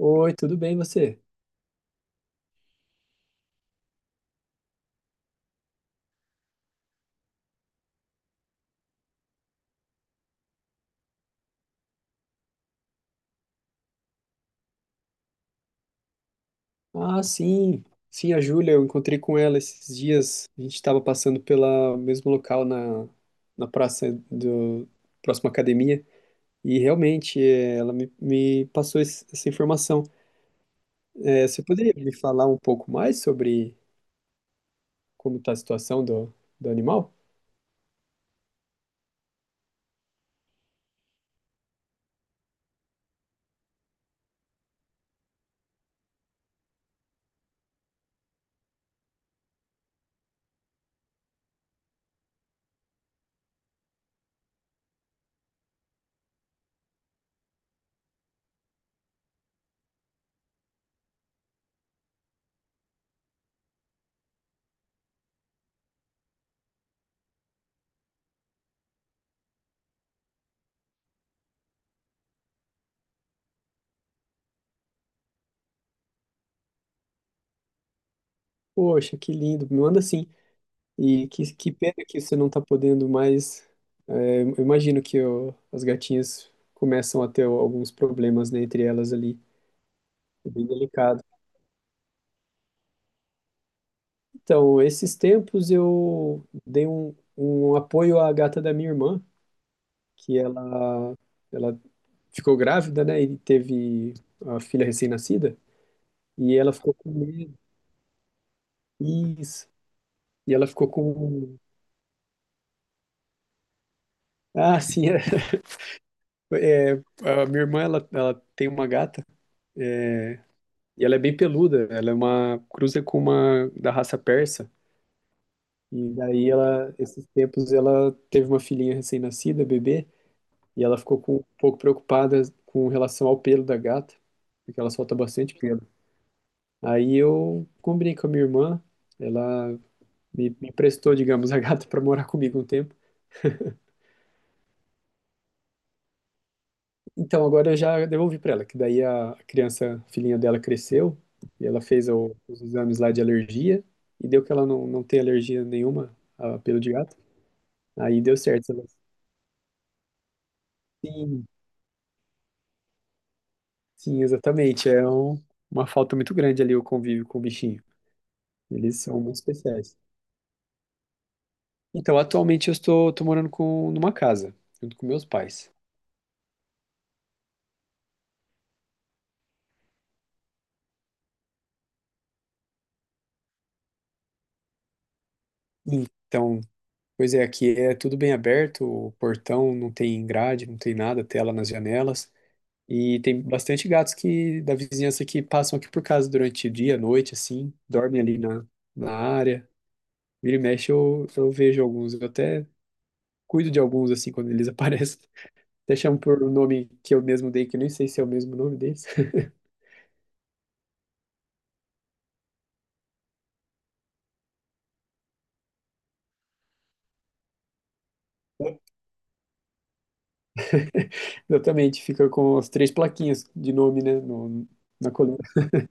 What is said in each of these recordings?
Oi, tudo bem você? Ah, sim. Sim, a Júlia, eu encontrei com ela esses dias. A gente estava passando pelo mesmo local na praça do próxima academia. E realmente, ela me passou essa informação. É, você poderia me falar um pouco mais sobre como está a situação do animal? Poxa, que lindo, me manda sim. E que pena que você não está podendo mais. Eu imagino que as gatinhas começam a ter alguns problemas, né, entre elas ali. É bem delicado. Então, esses tempos eu dei um apoio à gata da minha irmã, que ela ficou grávida, né? E teve a filha recém-nascida. E ela ficou com medo. Isso. E ela ficou Ah, sim. A minha irmã, ela tem uma gata. E ela é bem peluda. Ela é uma cruza com uma da raça persa. E daí ela, esses tempos, ela teve uma filhinha recém-nascida, bebê. E ela ficou um pouco preocupada com relação ao pelo da gata, porque ela solta bastante pelo. Aí eu combinei com a minha irmã, ela me emprestou, digamos, a gata para morar comigo um tempo. Então agora eu já devolvi para ela, que daí a filhinha dela cresceu, e ela fez os exames lá de alergia, e deu que ela não tem alergia nenhuma a pelo de gato. Aí deu certo. Sim, sim, exatamente. É uma falta muito grande ali o convívio com o bichinho. Eles são muito especiais. Então, atualmente eu estou tô morando com, numa casa, junto com meus pais. Então, pois é, aqui é tudo bem aberto, o portão não tem grade, não tem nada, tela nas janelas. E tem bastante gatos que da vizinhança que passam aqui por casa durante o dia, noite, assim, dormem ali na área. Vira e mexe, eu vejo alguns, eu até cuido de alguns, assim, quando eles aparecem. Até chamo por um nome que eu mesmo dei, que eu nem sei se é o mesmo nome deles. Exatamente, fica com as três plaquinhas de nome, né, na coluna.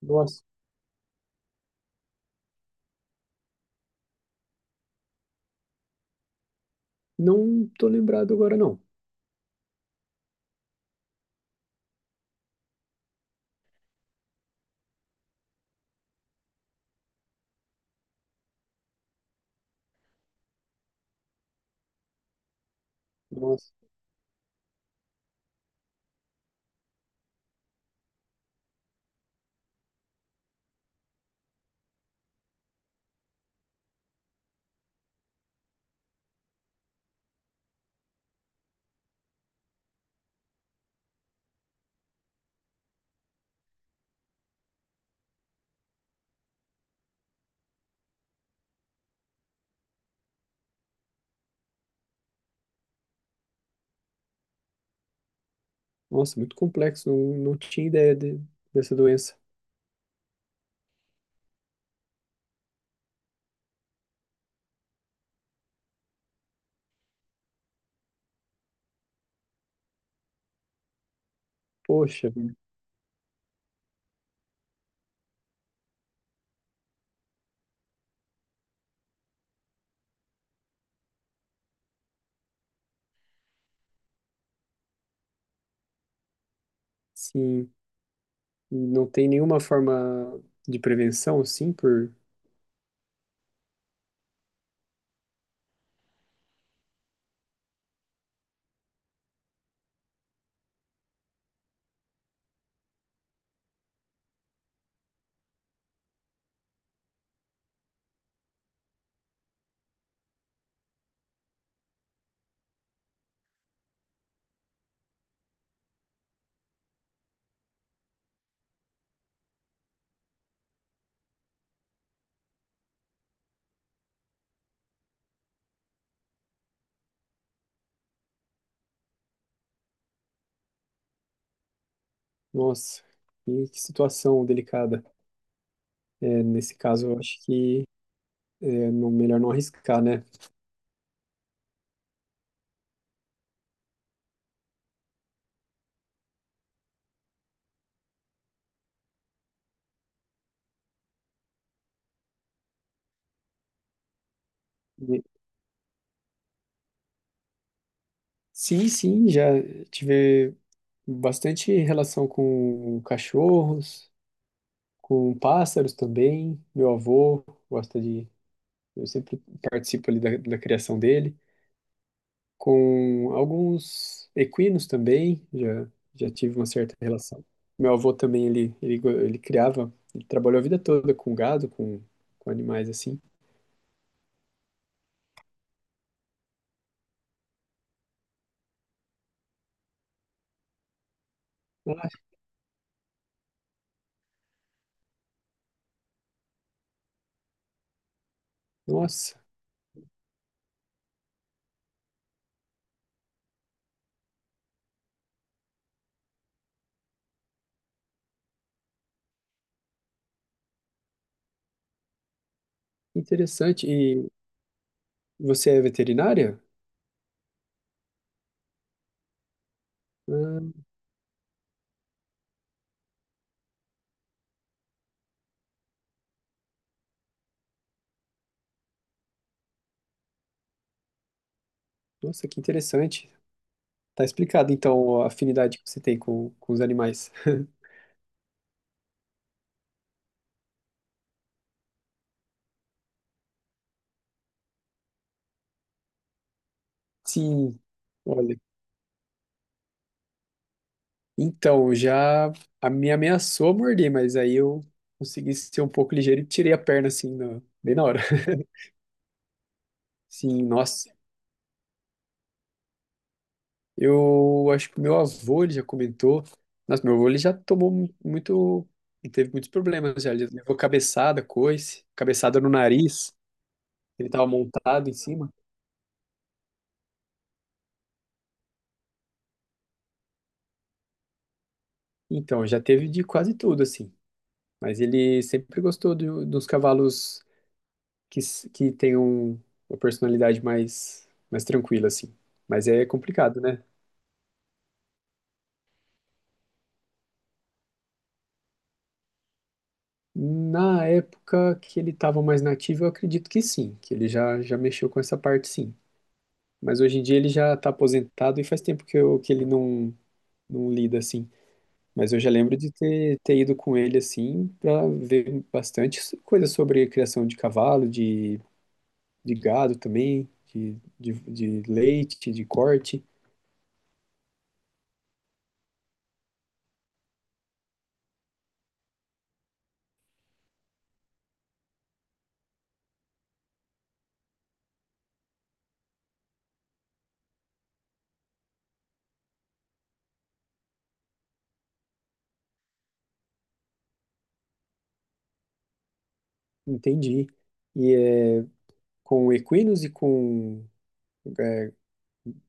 Nossa, não tô lembrado agora, não. Nossa, nossa, muito complexo, não, não tinha ideia dessa doença. Poxa, sim, e não tem nenhuma forma de prevenção, assim, por... Nossa, que situação delicada. É, nesse caso, eu acho que é melhor não arriscar, né? E- Sim, sim, já tive bastante relação com cachorros, com pássaros também. Meu avô gosta de. Eu sempre participo ali da criação dele. Com alguns equinos também, já tive uma certa relação. Meu avô também, ele criava, ele trabalhou a vida toda com gado, com animais assim. Ah, nossa, que interessante. E você é veterinária? Ah, nossa, que interessante. Tá explicado, então, a afinidade que você tem com os animais. Sim, olha. Então, já a me ameaçou morder, mas aí eu consegui ser um pouco ligeiro e tirei a perna assim, bem na hora. Sim, nossa. Eu acho que o meu avô, ele já comentou. Nossa, meu avô, ele já tomou muito. Ele teve muitos problemas já. Ele levou cabeçada, coice, cabeçada no nariz. Ele tava montado em cima. Então, já teve de quase tudo, assim. Mas ele sempre gostou dos cavalos que tenham uma personalidade mais, mais tranquila, assim. Mas é complicado, né? Na época que ele estava mais nativo, eu acredito que sim, que ele já mexeu com essa parte, sim. Mas hoje em dia ele já está aposentado e faz tempo que ele não lida assim. Mas eu já lembro de ter ido com ele assim para ver bastante coisa sobre criação de cavalo, de gado também, de leite, de corte. Entendi. E é com equinos e com é,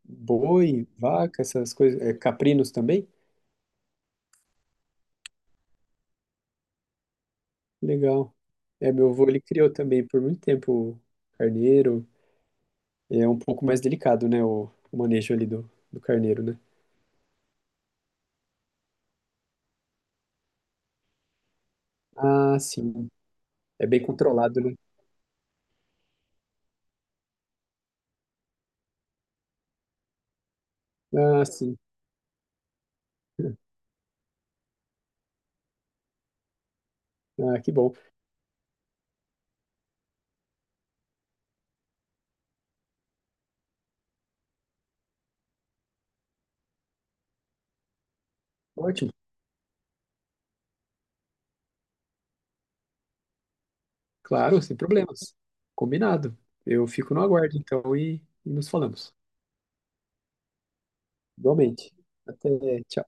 boi, vaca, essas coisas, é, caprinos também? Legal. É, meu avô, ele criou também por muito tempo carneiro. É um pouco mais delicado, né, o manejo ali do carneiro, né? Ah, sim. É bem controlado, né? Ah, sim. Ah, que bom. Ótimo. Claro, sem problemas. Combinado. Eu fico no aguardo, então, e nos falamos. Igualmente. Até. Tchau.